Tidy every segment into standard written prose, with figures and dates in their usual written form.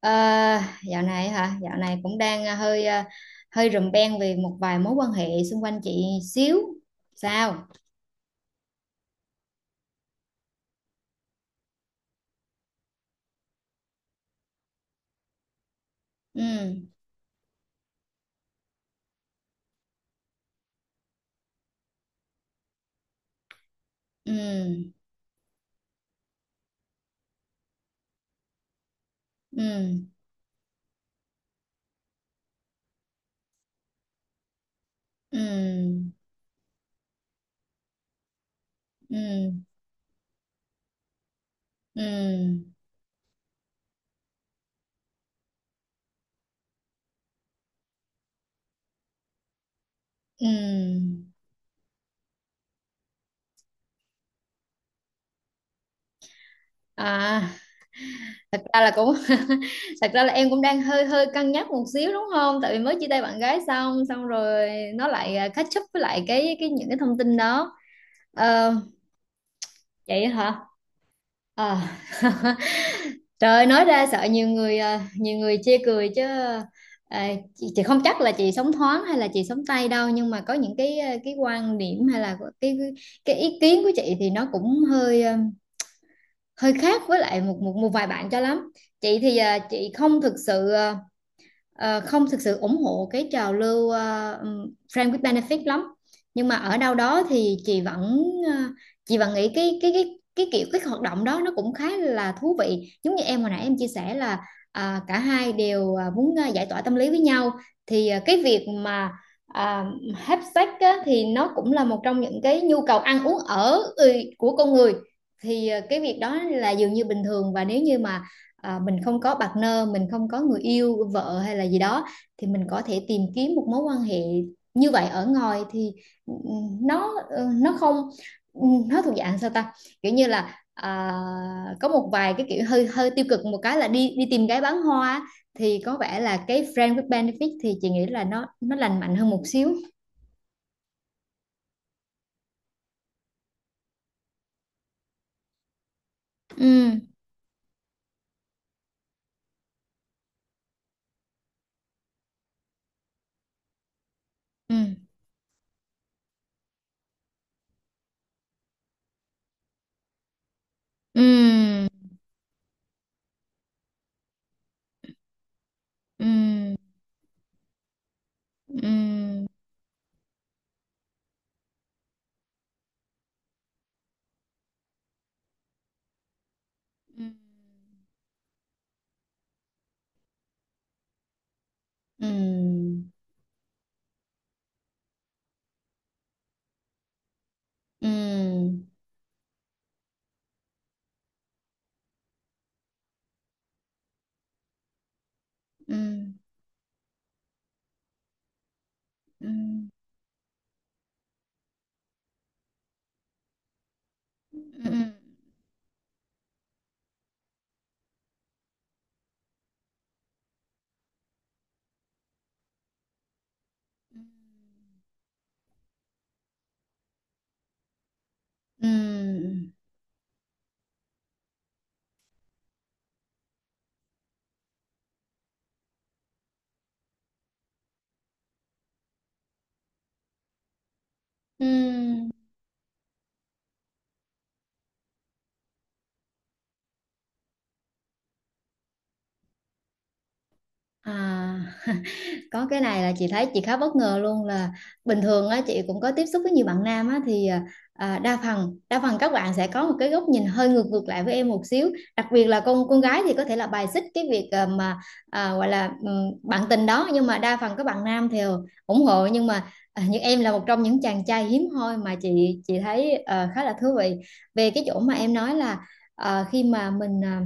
Ờ, dạo này hả? Dạo này cũng đang hơi hơi rùm beng về một vài mối quan hệ xung quanh chị xíu. Sao? Ừ, ừ, ừ, ừ, ừ, ừ, ừ. À, thật ra là cũng thật ra là em cũng đang hơi hơi cân nhắc một xíu đúng không? Tại vì mới chia tay bạn gái xong xong rồi nó lại catch up với lại cái những cái thông tin đó. Ờ, vậy hả? Ờ. Trời ơi, nói ra sợ nhiều người chê cười chứ ờ, chị không chắc là chị sống thoáng hay là chị sống tay đâu nhưng mà có những cái quan điểm hay là cái ý kiến của chị thì nó cũng hơi khác với lại một một một vài bạn cho lắm. Chị thì chị không thực sự ủng hộ cái trào lưu friend with benefit lắm nhưng mà ở đâu đó thì chị vẫn nghĩ cái kiểu cái hoạt động đó nó cũng khá là thú vị giống như em hồi nãy em chia sẻ là cả hai đều muốn giải tỏa tâm lý với nhau thì cái việc mà à, have sex á, thì nó cũng là một trong những cái nhu cầu ăn uống ở của con người thì cái việc đó là dường như bình thường và nếu như mà mình không có partner mình không có người yêu vợ hay là gì đó thì mình có thể tìm kiếm một mối quan hệ như vậy ở ngoài thì ừ, nó nó không ừ, nó thuộc dạng sao ta kiểu như là có một vài cái kiểu hơi hơi tiêu cực một cái là đi đi tìm gái bán hoa thì có vẻ là cái friend with benefit thì chị nghĩ là nó lành mạnh hơn một xíu. Ừ, ừ, ừ, ừ, ừ, ừ, ừ, ừ, ừ, ừ. Ừm, ừm, ừm. À, có cái này là chị thấy chị khá bất ngờ luôn là bình thường á chị cũng có tiếp xúc với nhiều bạn nam á thì đa phần các bạn sẽ có một cái góc nhìn hơi ngược ngược lại với em một xíu đặc biệt là con gái thì có thể là bài xích cái việc mà gọi là bạn tình đó nhưng mà đa phần các bạn nam thì ủng hộ nhưng mà như em là một trong những chàng trai hiếm hoi mà chị thấy khá là thú vị về cái chỗ mà em nói là khi mà mình à,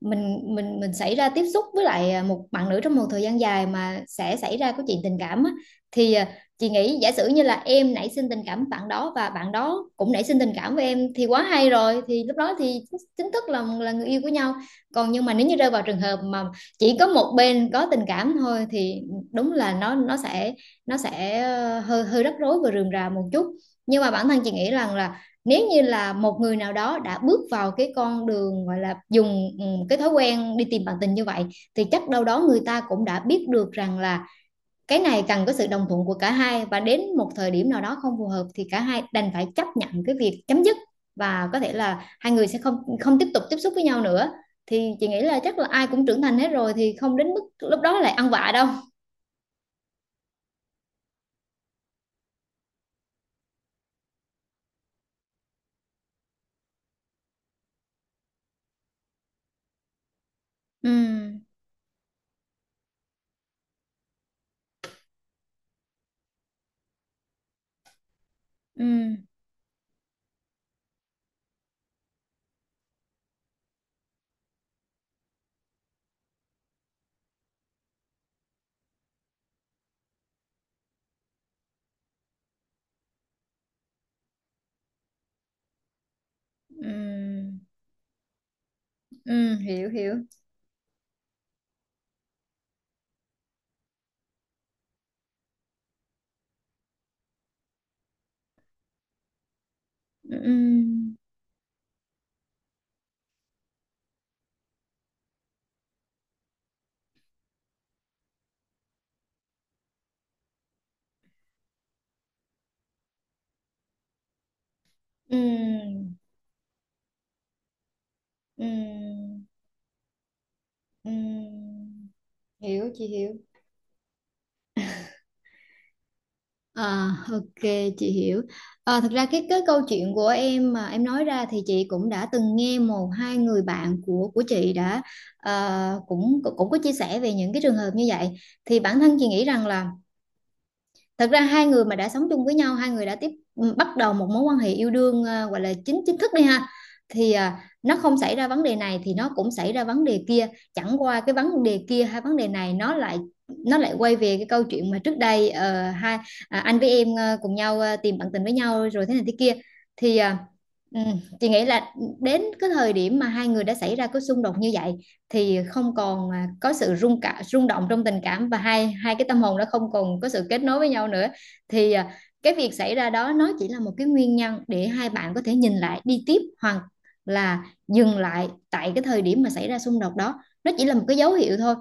mình mình xảy ra tiếp xúc với lại một bạn nữ trong một thời gian dài mà sẽ xảy ra cái chuyện tình cảm á, thì chị nghĩ giả sử như là em nảy sinh tình cảm với bạn đó và bạn đó cũng nảy sinh tình cảm với em thì quá hay rồi thì lúc đó thì chính thức là người yêu của nhau còn nhưng mà nếu như rơi vào trường hợp mà chỉ có một bên có tình cảm thôi thì đúng là nó sẽ hơi hơi rắc rối và rườm rà một chút nhưng mà bản thân chị nghĩ rằng là nếu như là một người nào đó đã bước vào cái con đường gọi là dùng cái thói quen đi tìm bạn tình như vậy thì chắc đâu đó người ta cũng đã biết được rằng là cái này cần có sự đồng thuận của cả hai và đến một thời điểm nào đó không phù hợp thì cả hai đành phải chấp nhận cái việc chấm dứt và có thể là hai người sẽ không không tiếp tục tiếp xúc với nhau nữa thì chị nghĩ là chắc là ai cũng trưởng thành hết rồi thì không đến mức lúc đó lại ăn vạ đâu. Ừ, ừ, ừ, ừ, hiểu, hiểu, ừ, ừ. Ừm, ừm, hiểu, chị hiểu. À, ok, chị hiểu. Thật ra cái câu chuyện của em mà em nói ra thì chị cũng đã từng nghe một hai người bạn của chị đã cũng cũng cũng có chia sẻ về những cái trường hợp như vậy thì bản thân chị nghĩ rằng là thật ra hai người mà đã sống chung với nhau hai người đã bắt đầu một mối quan hệ yêu đương gọi là chính chính thức đi ha thì nó không xảy ra vấn đề này thì nó cũng xảy ra vấn đề kia chẳng qua cái vấn đề kia hay vấn đề này nó lại quay về cái câu chuyện mà trước đây hai anh với em cùng nhau tìm bạn tình với nhau rồi thế này thế kia thì ừ, chị nghĩ là đến cái thời điểm mà hai người đã xảy ra cái xung đột như vậy thì không còn có sự rung động trong tình cảm và hai hai cái tâm hồn đó không còn có sự kết nối với nhau nữa thì cái việc xảy ra đó nó chỉ là một cái nguyên nhân để hai bạn có thể nhìn lại đi tiếp hoặc là dừng lại tại cái thời điểm mà xảy ra xung đột đó nó chỉ là một cái dấu hiệu thôi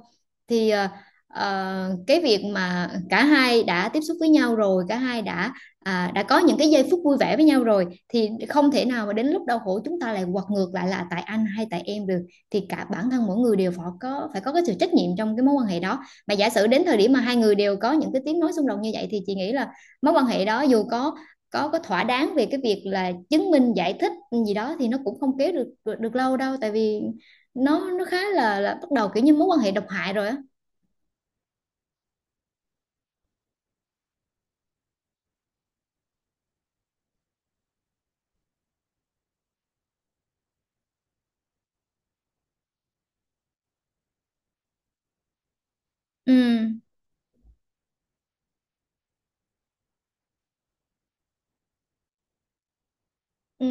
thì cái việc mà cả hai đã tiếp xúc với nhau rồi cả hai đã có những cái giây phút vui vẻ với nhau rồi thì không thể nào mà đến lúc đau khổ chúng ta lại quật ngược lại là tại anh hay tại em được thì cả bản thân mỗi người đều phải có cái sự trách nhiệm trong cái mối quan hệ đó mà giả sử đến thời điểm mà hai người đều có những cái tiếng nói xung đột như vậy thì chị nghĩ là mối quan hệ đó dù có thỏa đáng về cái việc là chứng minh giải thích gì đó thì nó cũng không kéo được được, được lâu đâu tại vì nó khá là bắt đầu kiểu như mối quan hệ độc hại rồi á. Ừ, ừ,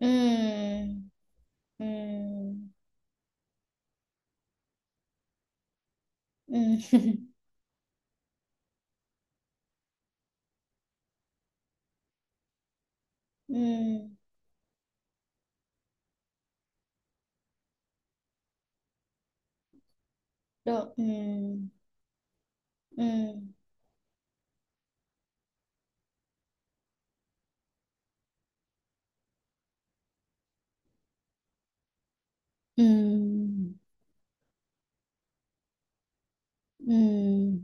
ừ, ừ, ừ, ừ, được, ừ, ừ, ừ, ừ,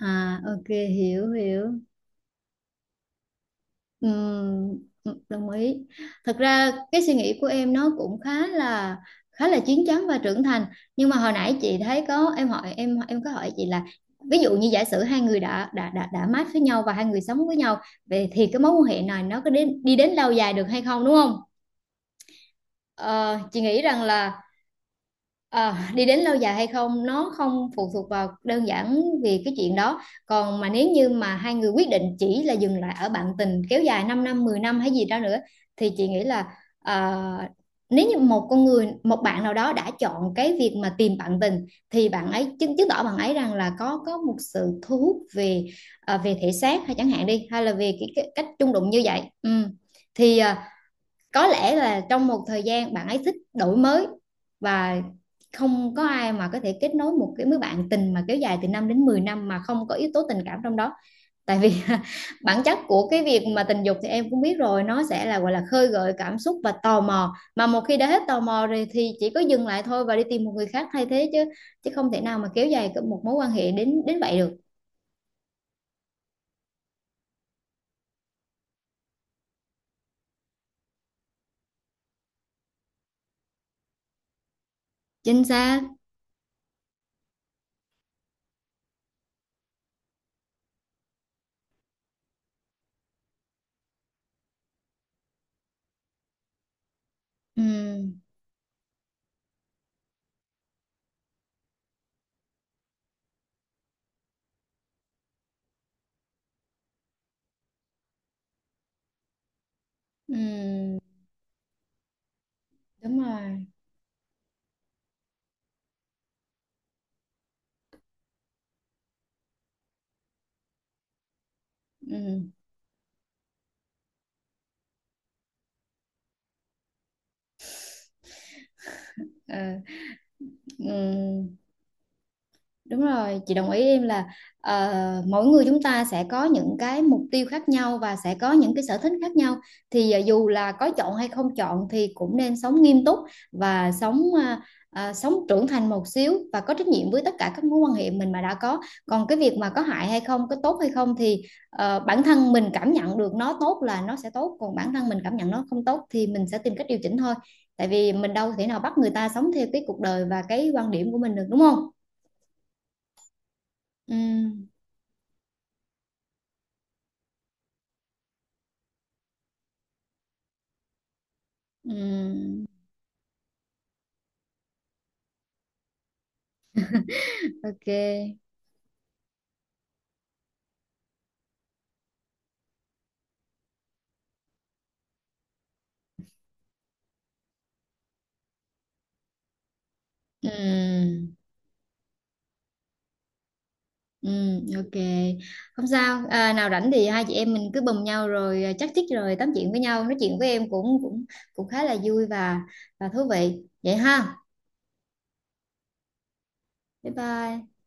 à, ok, hiểu, hiểu. Ừm, đồng ý. Thật ra cái suy nghĩ của em nó cũng khá là chín chắn và trưởng thành. Nhưng mà hồi nãy chị thấy có em hỏi em có hỏi chị là ví dụ như giả sử hai người đã mát với nhau và hai người sống với nhau vậy thì cái mối quan hệ này nó có đến đi đến lâu dài được hay không đúng không? Ờ, chị nghĩ rằng là ờ, đi đến lâu dài hay không nó không phụ thuộc vào đơn giản vì cái chuyện đó còn mà nếu như mà hai người quyết định chỉ là dừng lại ở bạn tình kéo dài 5 năm 10 năm hay gì đó nữa thì chị nghĩ là nếu như một con người một bạn nào đó đã chọn cái việc mà tìm bạn tình thì bạn ấy chứng chứng tỏ bạn ấy rằng là có một sự thu hút về về thể xác hay chẳng hạn đi hay là về cái cách chung đụng như vậy ừ. Thì có lẽ là trong một thời gian bạn ấy thích đổi mới và không có ai mà có thể kết nối một cái mối bạn tình mà kéo dài từ 5 đến 10 năm mà không có yếu tố tình cảm trong đó tại vì bản chất của cái việc mà tình dục thì em cũng biết rồi nó sẽ là gọi là khơi gợi cảm xúc và tò mò mà một khi đã hết tò mò rồi thì chỉ có dừng lại thôi và đi tìm một người khác thay thế chứ chứ không thể nào mà kéo dài một mối quan hệ đến đến vậy được. Chính xác. Ừ, ừ, đúng rồi, ừ, ờ, ừ. Đúng rồi, chị đồng ý em là mỗi người chúng ta sẽ có những cái mục tiêu khác nhau và sẽ có những cái sở thích khác nhau. Thì dù là có chọn hay không chọn thì cũng nên sống nghiêm túc và sống trưởng thành một xíu và có trách nhiệm với tất cả các mối quan hệ mình mà đã có. Còn cái việc mà có hại hay không, có tốt hay không thì bản thân mình cảm nhận được nó tốt là nó sẽ tốt, còn bản thân mình cảm nhận nó không tốt thì mình sẽ tìm cách điều chỉnh thôi. Tại vì mình đâu thể nào bắt người ta sống theo cái cuộc đời và cái quan điểm của mình được đúng không? Ừ. Ừm, ok. Ừm, ok. Không sao, nào rảnh thì hai chị em mình cứ bầm nhau rồi chắc chích rồi tám chuyện với nhau nói chuyện với em cũng cũng cũng khá là vui và thú vị vậy ha bye bye